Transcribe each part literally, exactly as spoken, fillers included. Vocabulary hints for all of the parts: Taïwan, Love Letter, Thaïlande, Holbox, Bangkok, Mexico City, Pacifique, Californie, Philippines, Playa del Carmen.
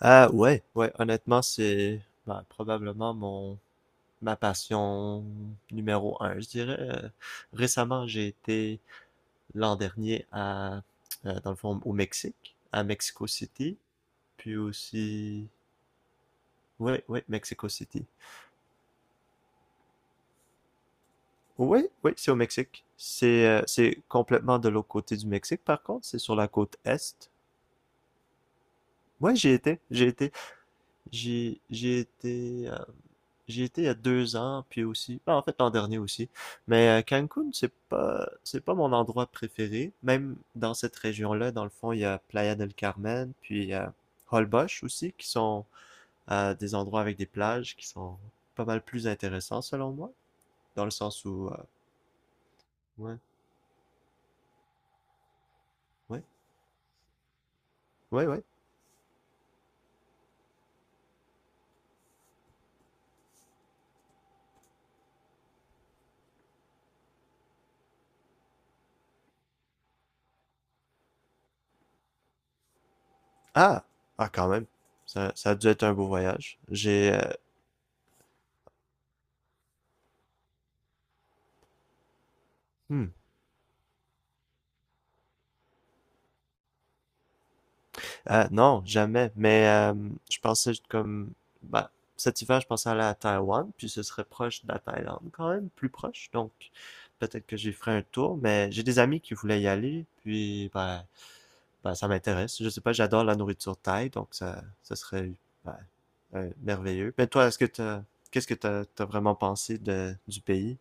Ah ouais, ouais, honnêtement, c'est ben, probablement mon ma passion numéro un, je dirais. Euh, Récemment, j'ai été l'an dernier à euh, dans le fond au Mexique, à Mexico City, puis aussi ouais, ouais, Mexico City. Oui, oui, c'est au Mexique. C'est euh, c'est complètement de l'autre côté du Mexique, par contre, c'est sur la côte est. Ouais, j'y étais, j'y étais. j'ai j'ai été euh, J'y étais il y a deux ans, puis aussi, ben, en fait l'an dernier aussi. Mais euh, Cancun, c'est pas, c'est pas mon endroit préféré. Même dans cette région-là, dans le fond, il y a Playa del Carmen, puis euh, Holbox aussi, qui sont euh, des endroits avec des plages qui sont pas mal plus intéressants selon moi, dans le sens où, euh, ouais, ouais, ouais, ouais. Ah, ah, quand même, ça, ça a dû être un beau voyage. J'ai, euh, hmm. Euh, non, jamais. Mais euh, je pensais comme. Bah, cet hiver, je pensais aller à Taïwan, puis ce serait proche de la Thaïlande quand même, plus proche. Donc, peut-être que j'y ferai un tour, mais j'ai des amis qui voulaient y aller, puis ben, ben, ça m'intéresse. Je sais pas, j'adore la nourriture thaï, donc ça, ça serait ben, euh, merveilleux. Mais toi, est-ce que t'as, qu'est-ce que t'as, t'as vraiment pensé de, du pays?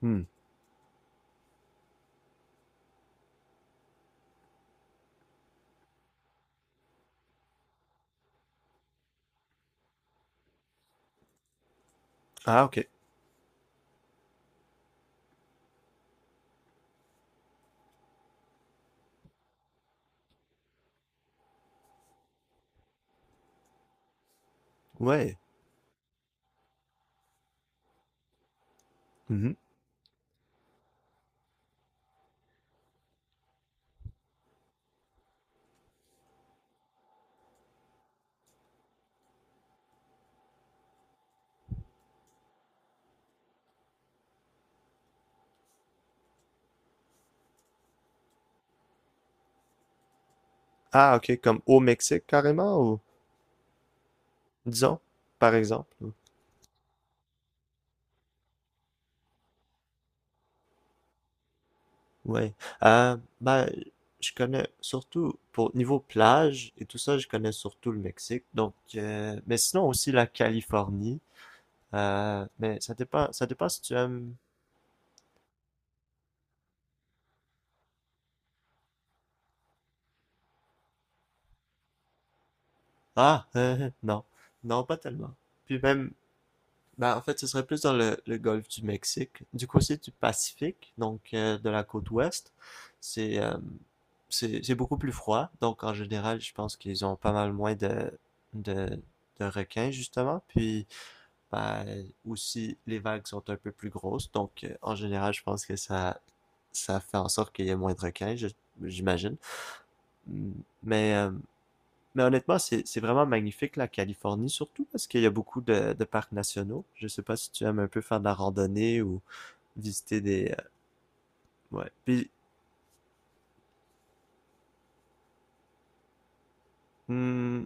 Hmm. Ah, OK. Ouais. Mhm. Ah, OK. Comme au Mexique, carrément, ou disons, par exemple. Ouais. Euh, ben, je connais surtout pour niveau plage et tout ça, je connais surtout le Mexique. Donc, euh, mais sinon aussi la Californie. Euh, mais ça dépend, ça dépend si tu aimes. Ah, euh, non, non, pas tellement. Puis même, ben en fait, ce serait plus dans le, le golfe du Mexique, du côté du Pacifique, donc euh, de la côte ouest. C'est euh, c'est c'est beaucoup plus froid. Donc en général, je pense qu'ils ont pas mal moins de de de requins justement. Puis ben, aussi, les vagues sont un peu plus grosses. Donc, euh, en général, je pense que ça, ça fait en sorte qu'il y ait moins de requins, je- j'imagine. Mais, euh, mais honnêtement, c'est, c'est vraiment magnifique, la Californie, surtout parce qu'il y a beaucoup de, de parcs nationaux. Je sais pas si tu aimes un peu faire de la randonnée ou visiter des. Euh, ouais. Puis, mmh,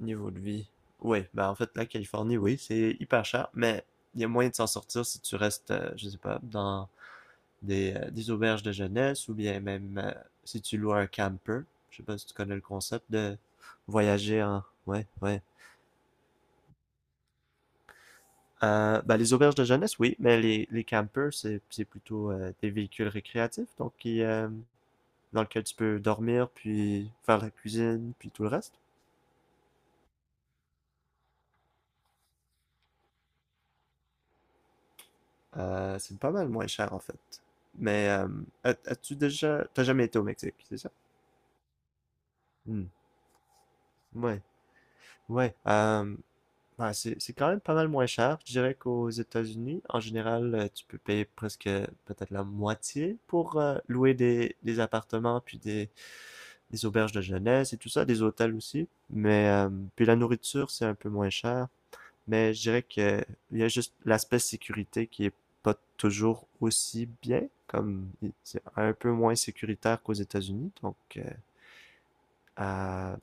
niveau de vie. Oui, ben en fait, la Californie, oui, c'est hyper cher, mais il y a moyen de s'en sortir si tu restes, euh, je sais pas, dans des, euh, des auberges de jeunesse ou bien même euh, si tu loues un camper. Je sais pas si tu connais le concept de voyager en. Ouais, ouais. Euh, ben, les auberges de jeunesse, oui, mais les, les campers, c'est c'est plutôt euh, des véhicules récréatifs, donc qui, euh, dans lequel tu peux dormir, puis faire la cuisine, puis tout le reste. Euh, c'est pas mal moins cher en fait. Mais euh, as- as-tu déjà... T'as jamais été au Mexique, c'est ça? Hmm. Ouais, ouais. Euh, ouais, c'est c'est quand même pas mal moins cher. Je dirais qu'aux États-Unis, en général, euh, tu peux payer presque peut-être la moitié pour euh, louer des, des appartements, puis des, des auberges de jeunesse et tout ça, des hôtels aussi. Mais euh, puis la nourriture, c'est un peu moins cher. Mais je dirais que il y a juste l'aspect sécurité qui est pas toujours aussi bien, comme c'est un peu moins sécuritaire qu'aux États-Unis. Donc, euh, euh,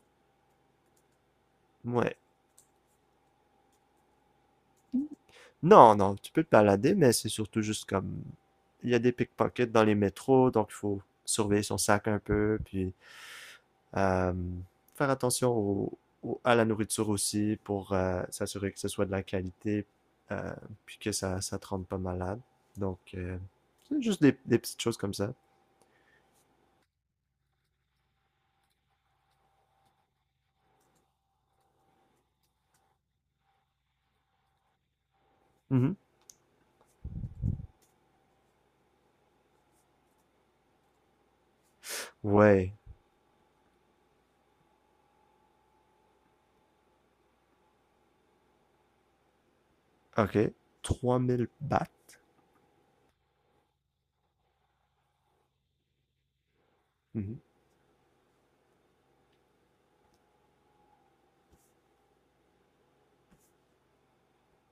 ouais. Non, non, tu peux te balader, mais c'est surtout juste comme il y a des pickpockets dans les métros, donc il faut surveiller son sac un peu, puis euh, faire attention au, au- à la nourriture aussi pour euh, s'assurer que ce soit de la qualité, euh, puis que ça, ça te rende pas malade. Donc, euh, c'est juste des, des petites choses comme ça. Mhm. Ouais, OK. Trois mille bahts. Mhm.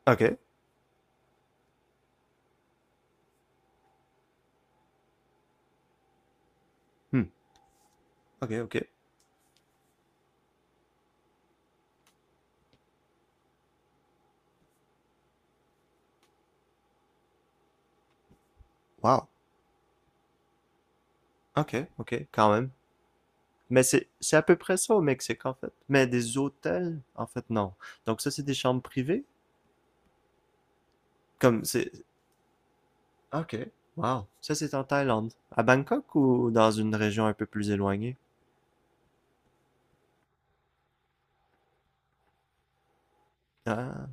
OK. Hmm. OK, OK. Wow. OK, OK, quand même. Mais c'est c'est à peu près ça au Mexique, en fait. Mais des hôtels, en fait, non. Donc ça, c'est des chambres privées? Comme c'est. OK, wow. Ça, c'est en Thaïlande. À Bangkok ou dans une région un peu plus éloignée? Ah,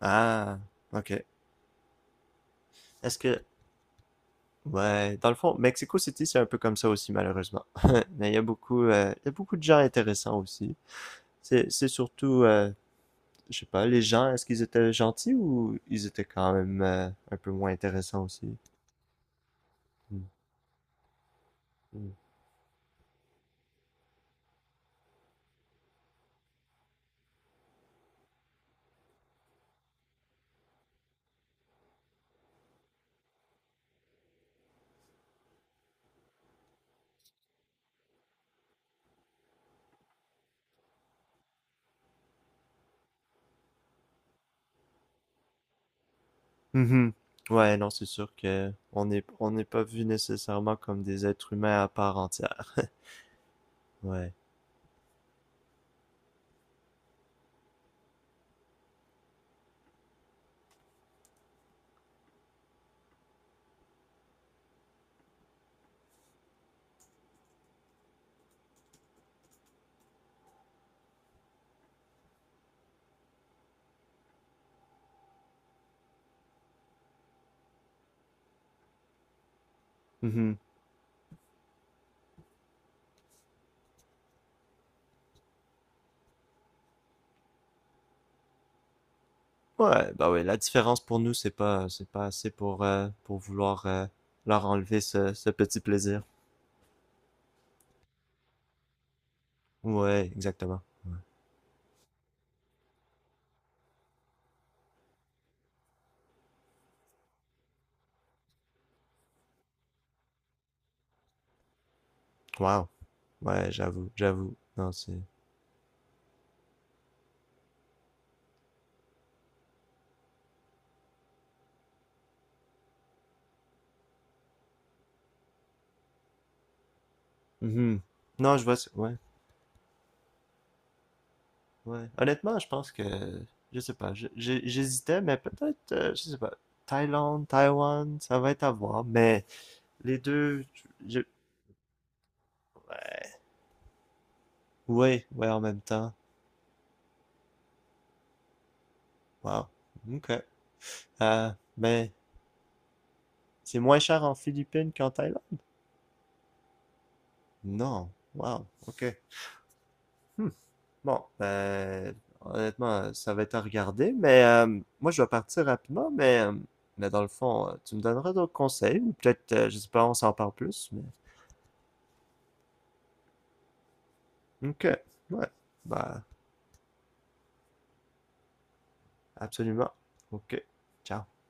ah, OK. Est-ce que. Ouais, dans le fond, Mexico City, c'est un peu comme ça aussi, malheureusement. Mais il y a beaucoup, euh, il y a beaucoup de gens intéressants aussi. C'est, c'est surtout, euh, je sais pas, les gens, est-ce qu'ils étaient gentils ou ils étaient quand même euh, un peu moins intéressants aussi? Mm. Mm. Mhm. Ouais, non, c'est sûr que on n'est on n'est pas vu nécessairement comme des êtres humains à part entière. Ouais. Mhm. Ouais, bah ouais, la différence pour nous, c'est pas c'est pas assez pour euh, pour vouloir euh, leur enlever ce, ce petit plaisir. Ouais, exactement. Wow. Ouais, j'avoue, j'avoue. Non, c'est. Mhm. Non, je vois. ce- Ouais. Ouais. Honnêtement, je pense que, je sais pas, je- j'ai- j'hésitais, mais peut-être, euh, je sais pas, Thaïlande, Taïwan, ça va être à voir, mais les deux, je- ouais, ouais, ouais, en même temps. Wow. OK. Euh, mais c'est moins cher en Philippines qu'en Thaïlande? Non. Wow. OK. Hmm. Bon, ben, honnêtement, ça va être à regarder, mais euh, moi, je vais partir rapidement, mais, euh, mais dans le fond, euh, tu me donneras d'autres conseils, ou peut-être, euh, je sais pas, on s'en parle plus, mais. OK. Ouais. Bah, absolument. OK. Ciao.